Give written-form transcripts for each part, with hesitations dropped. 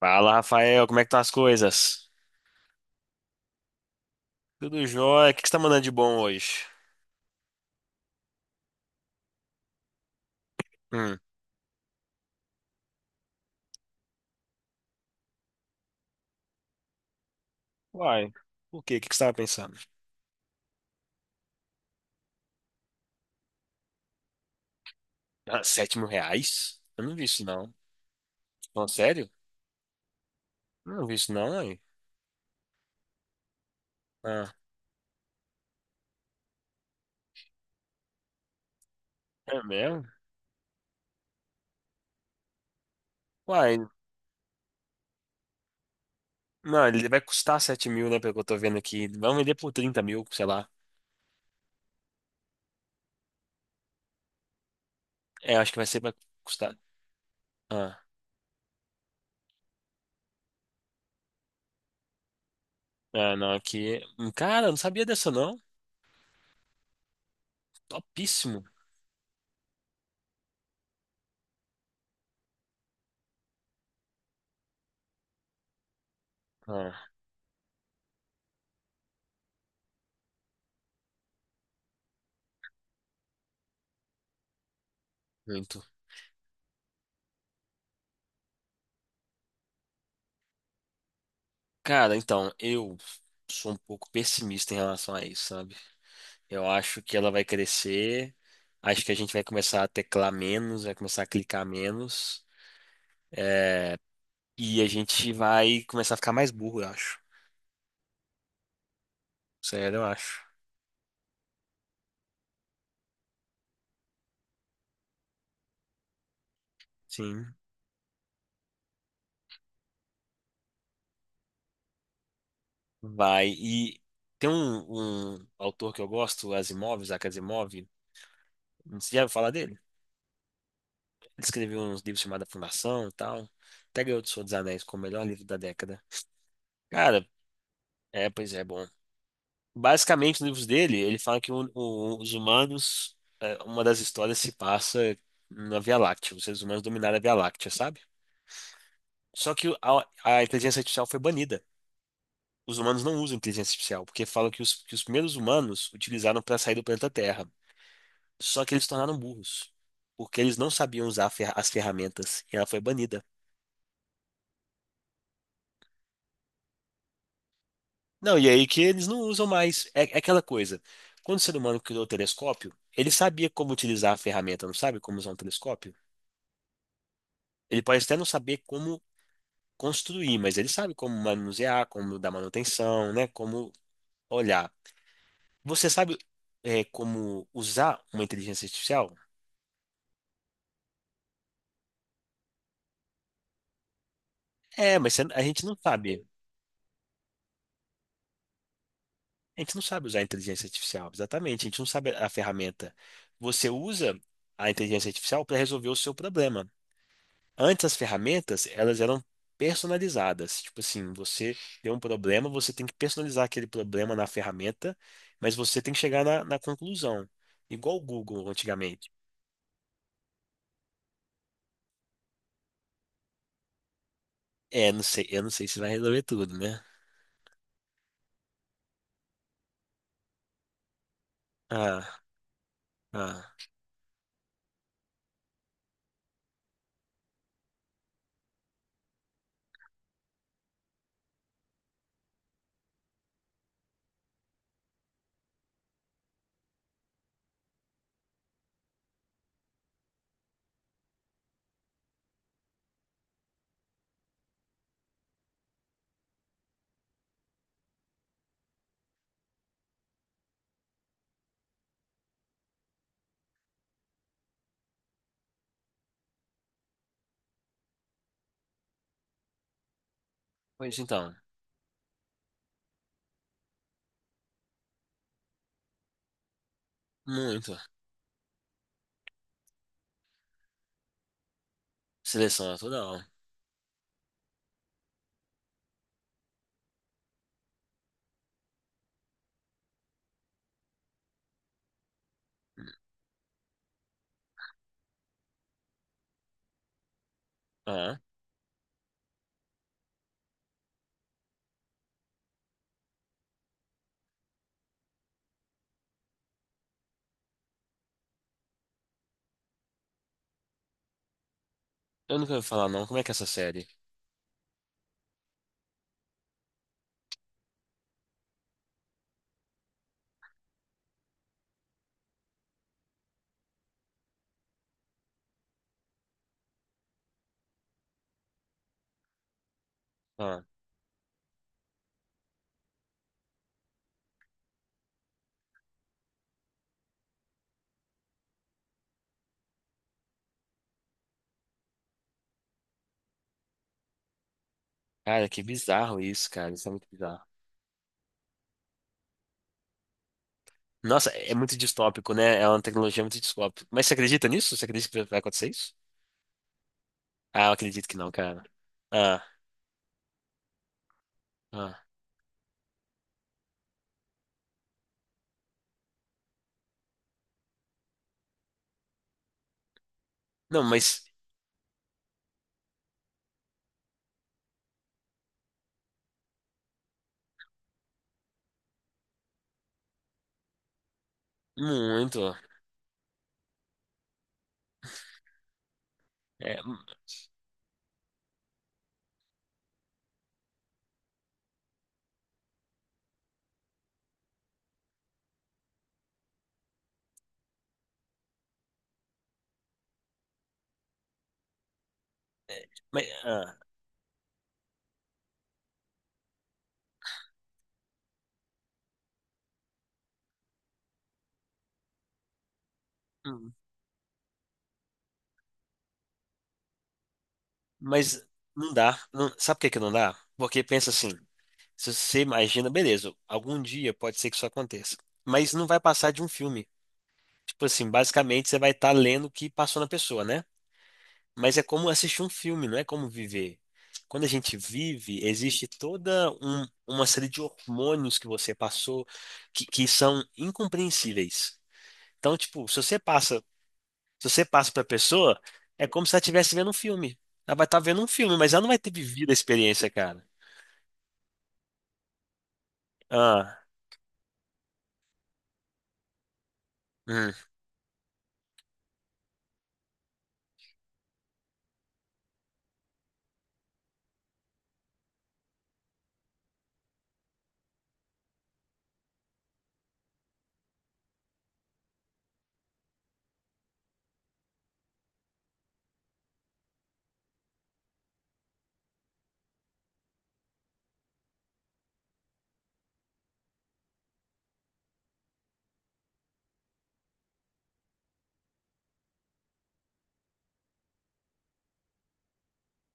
Fala, Rafael, como é que estão as coisas? Tudo jóia? O que que você tá mandando de bom hoje? Hum. Uai, por quê? O que que você tava pensando? Ah, sete mil reais? Eu não vi isso, não. Não, sério? Eu não vi isso, não, aí. Ah, é mesmo? Uai, não, ele vai custar sete mil, né, pelo que eu tô vendo aqui. Vão vender por trinta mil, sei lá. É, acho que vai ser pra custar. Ah, ah, não, aqui... Cara, eu não sabia dessa, não. Topíssimo. Ah, muito. Cara, então, eu sou um pouco pessimista em relação a isso, sabe? Eu acho que ela vai crescer. Acho que a gente vai começar a teclar menos, vai começar a clicar menos. É, e a gente vai começar a ficar mais burro, eu acho. Sério, eu acho. Sim, vai. E tem um autor que eu gosto, Asimov, Isaac Asimov. Você já ouviu falar dele? Ele escreveu uns livros chamados A Fundação e tal. Até ganhou do Senhor dos Anéis como o melhor livro da década. Cara, é, pois é, bom. Basicamente, nos livros dele, ele fala que os humanos, uma das histórias se passa na Via Láctea. Os seres humanos dominaram a Via Láctea, sabe? Só que a inteligência artificial foi banida. Os humanos não usam inteligência artificial, porque falam que os primeiros humanos utilizaram para sair do planeta Terra. Só que eles se tornaram burros, porque eles não sabiam usar as ferramentas, e ela foi banida. Não, e aí que eles não usam mais. É, é aquela coisa. Quando o ser humano criou o telescópio, ele sabia como utilizar a ferramenta, não sabe como usar um telescópio? Ele pode até não saber como construir, mas ele sabe como manusear, como dar manutenção, né? Como olhar. Você sabe, como usar uma inteligência artificial? É, mas a gente não sabe. A gente não sabe usar a inteligência artificial, exatamente. A gente não sabe a ferramenta. Você usa a inteligência artificial para resolver o seu problema. Antes as ferramentas, elas eram personalizadas. Tipo assim, você tem um problema, você tem que personalizar aquele problema na ferramenta, mas você tem que chegar na conclusão. Igual o Google antigamente. É, não sei, eu não sei se vai resolver tudo, né? Ah, ah. Pois então, muito. Seleção natural. Ah, eu nunca ouvi falar não. Como é que é essa série? Ah, cara, que bizarro isso, cara. Isso é muito bizarro. Nossa, é muito distópico, né? É uma tecnologia muito distópica. Mas você acredita nisso? Você acredita que vai acontecer isso? Ah, eu acredito que não, cara. Ah, ah. Não, mas muito. É, mas, ah, hum, mas não dá. Sabe por que que não dá? Porque pensa assim, se você imagina, beleza, algum dia pode ser que isso aconteça. Mas não vai passar de um filme. Tipo assim, basicamente você vai estar lendo o que passou na pessoa, né? Mas é como assistir um filme, não é como viver. Quando a gente vive, existe uma série de hormônios que você passou que são incompreensíveis. Então, tipo, se você passa pra pessoa, é como se ela estivesse vendo um filme. Ela vai estar vendo um filme, mas ela não vai ter vivido a experiência, cara. Ah, hum,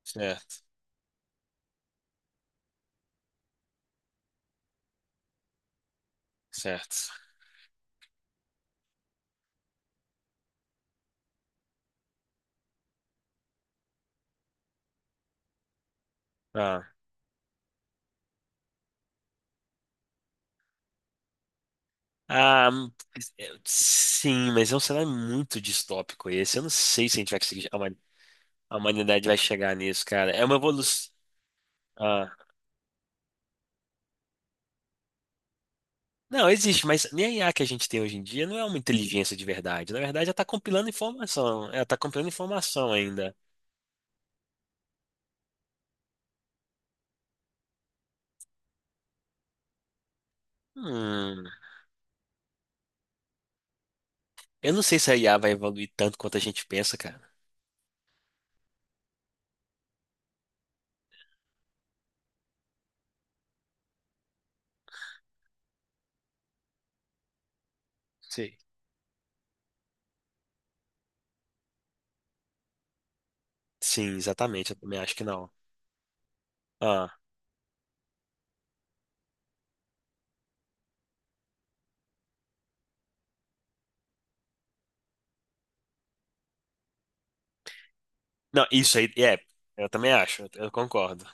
certo, certo. Ah, ah, é, sim, mas é um cenário muito distópico esse. Eu não sei se a gente vai conseguir, a huma- A humanidade vai chegar nisso, cara. É uma evolução. Ah, não, existe, mas nem a IA que a gente tem hoje em dia não é uma inteligência de verdade. Na verdade, ela tá compilando informação. Ela tá compilando informação ainda. Hum. Eu não sei se a IA vai evoluir tanto quanto a gente pensa, cara. Sei. Sim, exatamente. Eu também acho que não. Ah, não, isso aí, é, eu também acho, eu concordo.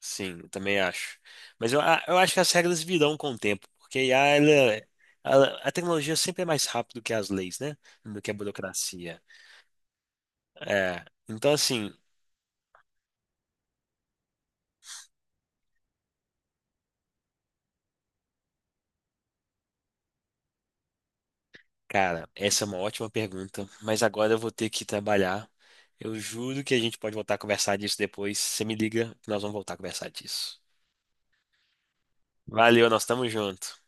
Sim, eu também acho. Mas eu, eu acho que as regras virão com o tempo, porque a IA, a tecnologia sempre é mais rápida do que as leis, né? Do que a burocracia. É, então, assim, cara, essa é uma ótima pergunta, mas agora eu vou ter que trabalhar. Eu juro que a gente pode voltar a conversar disso depois. Você me liga que nós vamos voltar a conversar disso. Valeu, nós estamos juntos